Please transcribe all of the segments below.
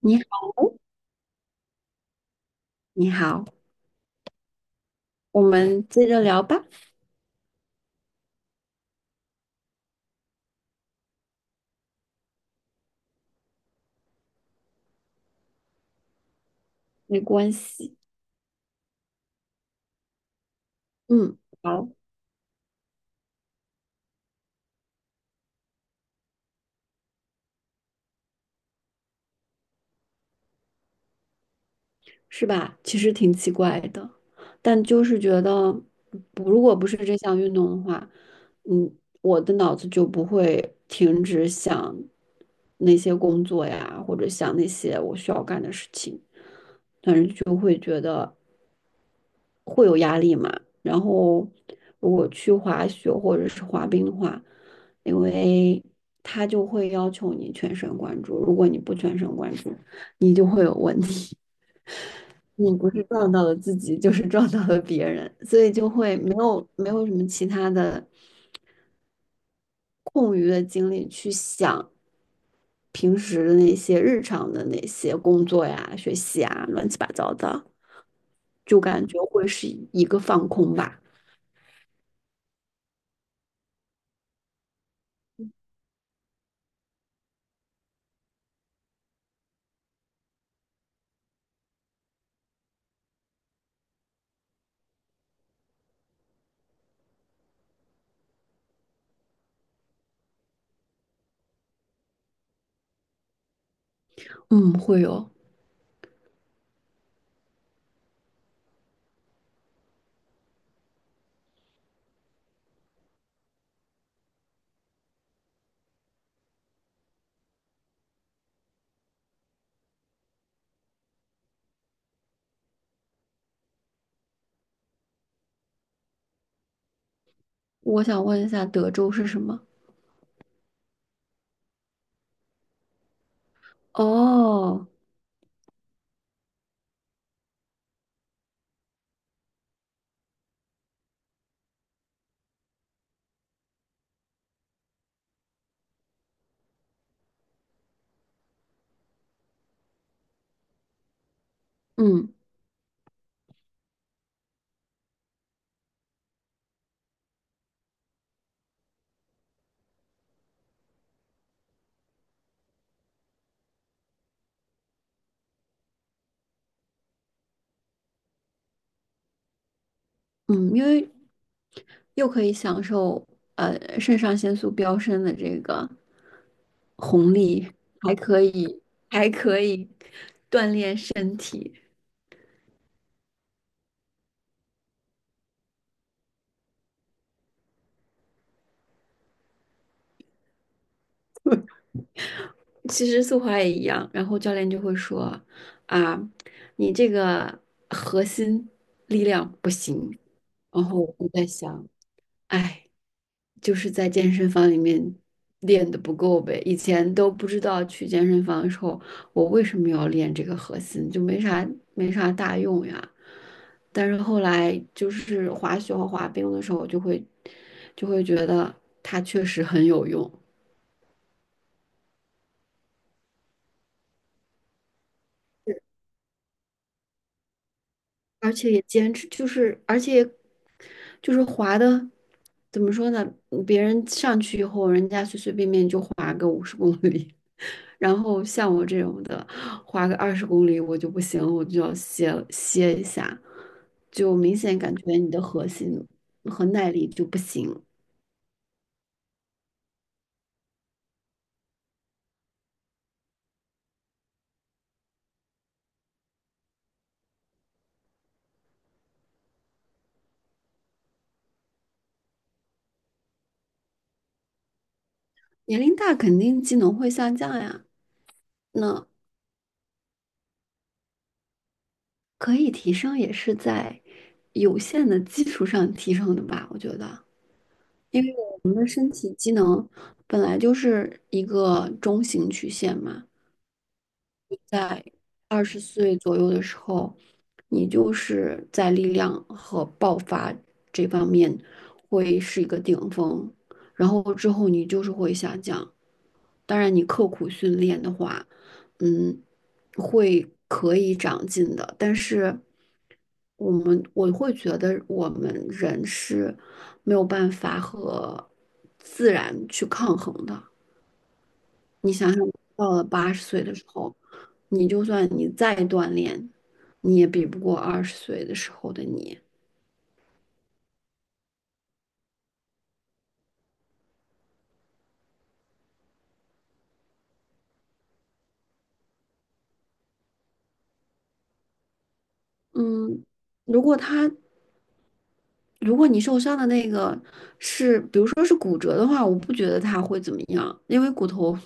你好哦，你好，我们接着聊吧，没关系。嗯，好，是吧？其实挺奇怪的，但就是觉得，不如果不是这项运动的话，嗯，我的脑子就不会停止想那些工作呀，或者想那些我需要干的事情。但是就会觉得会有压力嘛。然后如果去滑雪或者是滑冰的话，因为他就会要求你全神贯注，如果你不全神贯注，你就会有问题。你不是撞到了自己，就是撞到了别人，所以就会没有什么其他的空余的精力去想平时的那些日常的那些工作呀、学习啊、乱七八糟的。就感觉会是一个放空吧。嗯，会有。我想问一下，德州是什么？哦，嗯嗯，因为又可以享受肾上腺素飙升的这个红利，还可以还可以锻炼身体。其实速滑也一样，然后教练就会说啊，你这个核心力量不行。然后我就在想，哎。就是在健身房里面练的不够呗。以前都不知道去健身房的时候，我为什么要练这个核心，就没啥大用呀。但是后来就是滑雪和滑冰的时候，我就会觉得它确实很有用，而且也坚持，就是而且就是滑的。怎么说呢？别人上去以后，人家随随便便就滑个50公里，然后像我这种的，花个20公里我就不行，我就要歇一下，就明显感觉你的核心和耐力就不行。年龄大肯定技能会下降呀，那可以提升也是在有限的基础上提升的吧，我觉得，因为呢，本来就是一个中型曲线嘛，在二十岁左右的时候，你就是在力量和爆发这方面会是一个顶峰，然后之后你就是会下降。当然，你刻苦训练的话，嗯，会可以长进的。但是，我会觉得我们人是没有办法和自然去抗衡的。你想想，到了80岁的时候，你就算你再锻炼，你也比不过二十岁的时候的你。嗯，如果他，如果你受伤的那个是，比如说是骨折的话，我不觉得他会怎么样，因为骨头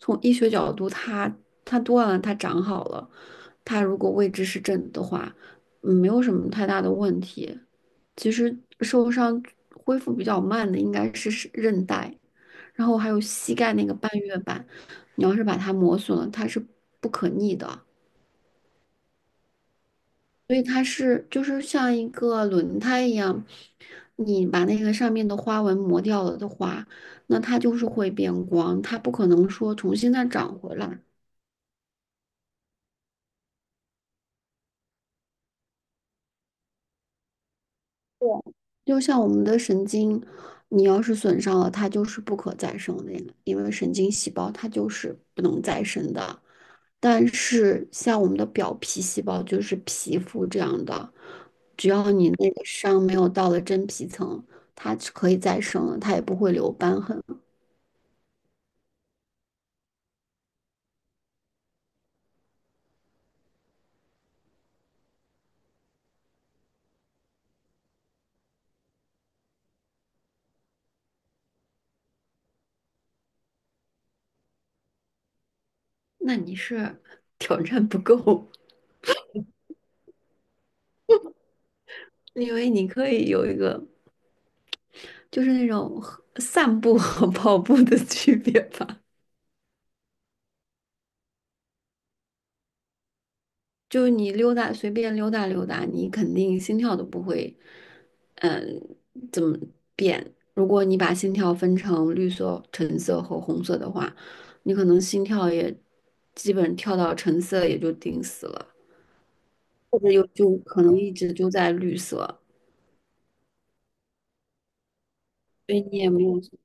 从医学角度它断了，它长好了，它如果位置是正的的话，没有什么太大的问题。其实受伤恢复比较慢的应该是韧带。然后还有膝盖那个半月板，你要是把它磨损了，它是不可逆的，所以它是就是像一个轮胎一样，你把那个上面的花纹磨掉了的话，那它就是会变光，它不可能说重新再长回来。就像我们的神经，你要是损伤了，它就是不可再生的呀，因为神经细胞它就是不能再生的。但是像我们的表皮细胞，就是皮肤这样的。只要你那个伤没有到了真皮层，它是可以再生的，它也不会留瘢痕。那你是挑战不够，因为你可以有一个就是那种和散步和跑步的区别吧，就是你溜达随便溜达溜达，你肯定心跳都不会，嗯，怎么变？如果你把心跳分成绿色、橙色和红色的话，你可能心跳也基本跳到橙色也就顶死了。或者有就可能一直就在绿色，所以你也没有什么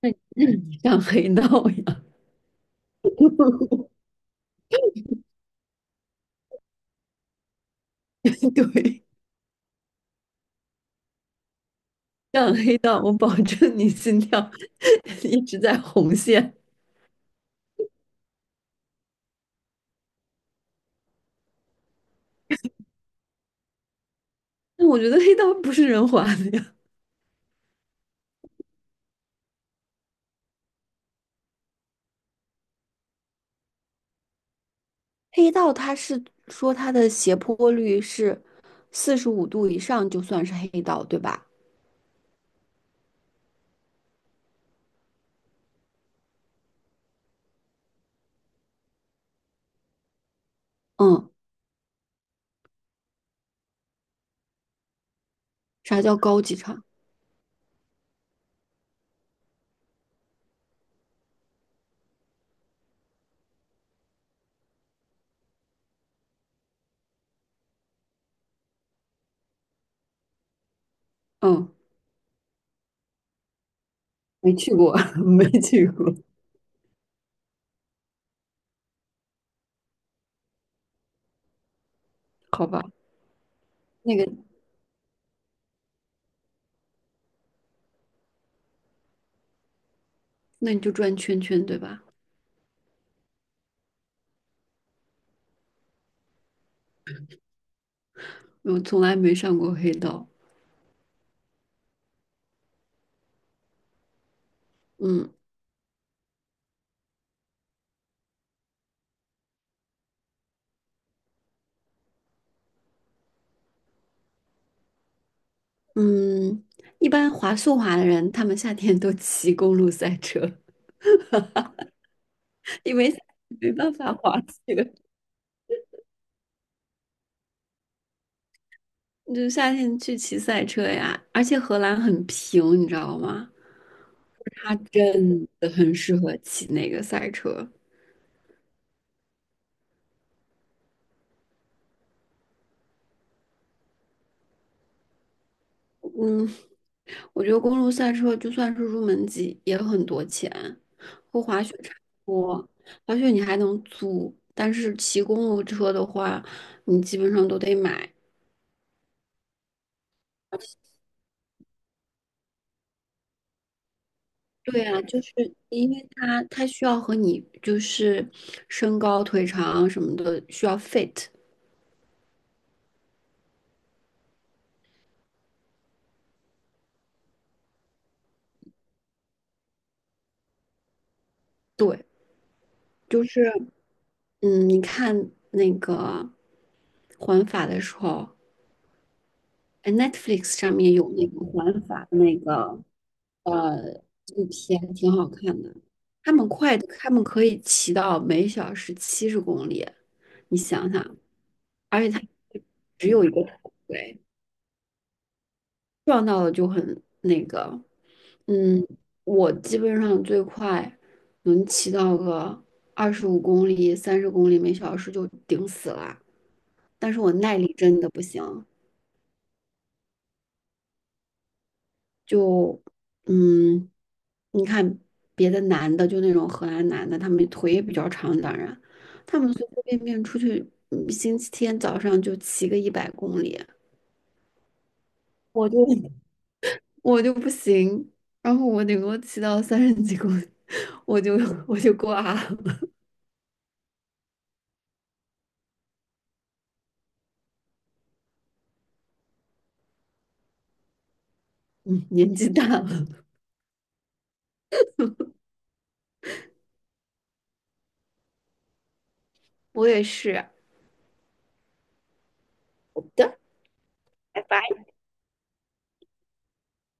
那那你上黑道呀？对，上黑道，我保证你心跳 一直在红线。那我觉得黑道不是人滑的呀。黑道它是说它的斜坡率是45度以上就算是黑道，对吧？嗯，啥叫高级场？嗯，没去过，没去过。好吧，那个，那你就转圈圈，对吧？我从来没上过黑道。嗯嗯，一般滑速滑的人，他们夏天都骑公路赛车，因为没办法滑雪，你就夏天去骑赛车呀。而且荷兰很平，你知道吗？它真的很适合骑那个赛车。嗯，我觉得公路赛车就算是入门级也很多钱，和滑雪差不多。滑雪你还能租，但是骑公路车的话，你基本上都得买。对啊，就是因为它需要和你就是身高腿长什么的需要 fit，对，就是嗯，你看那个环法的时候，哎，Netflix 上面有那个环法的那个纪录片，挺好看的。他们可以骑到每小时70公里，你想想，而且他只有一个头盔。撞到了就很那个，嗯，我基本上最快能骑到个25公里、30公里每小时就顶死了，但是我耐力真的不行，就嗯，你看别的男的，就那种荷兰男的，他们腿也比较长，当然，他们随随便便出去，星期天早上就骑个100公里，我就 我就不行，然后我顶多骑到30几公里，我就我就挂了，嗯，年纪大了。我也是。好的，拜拜。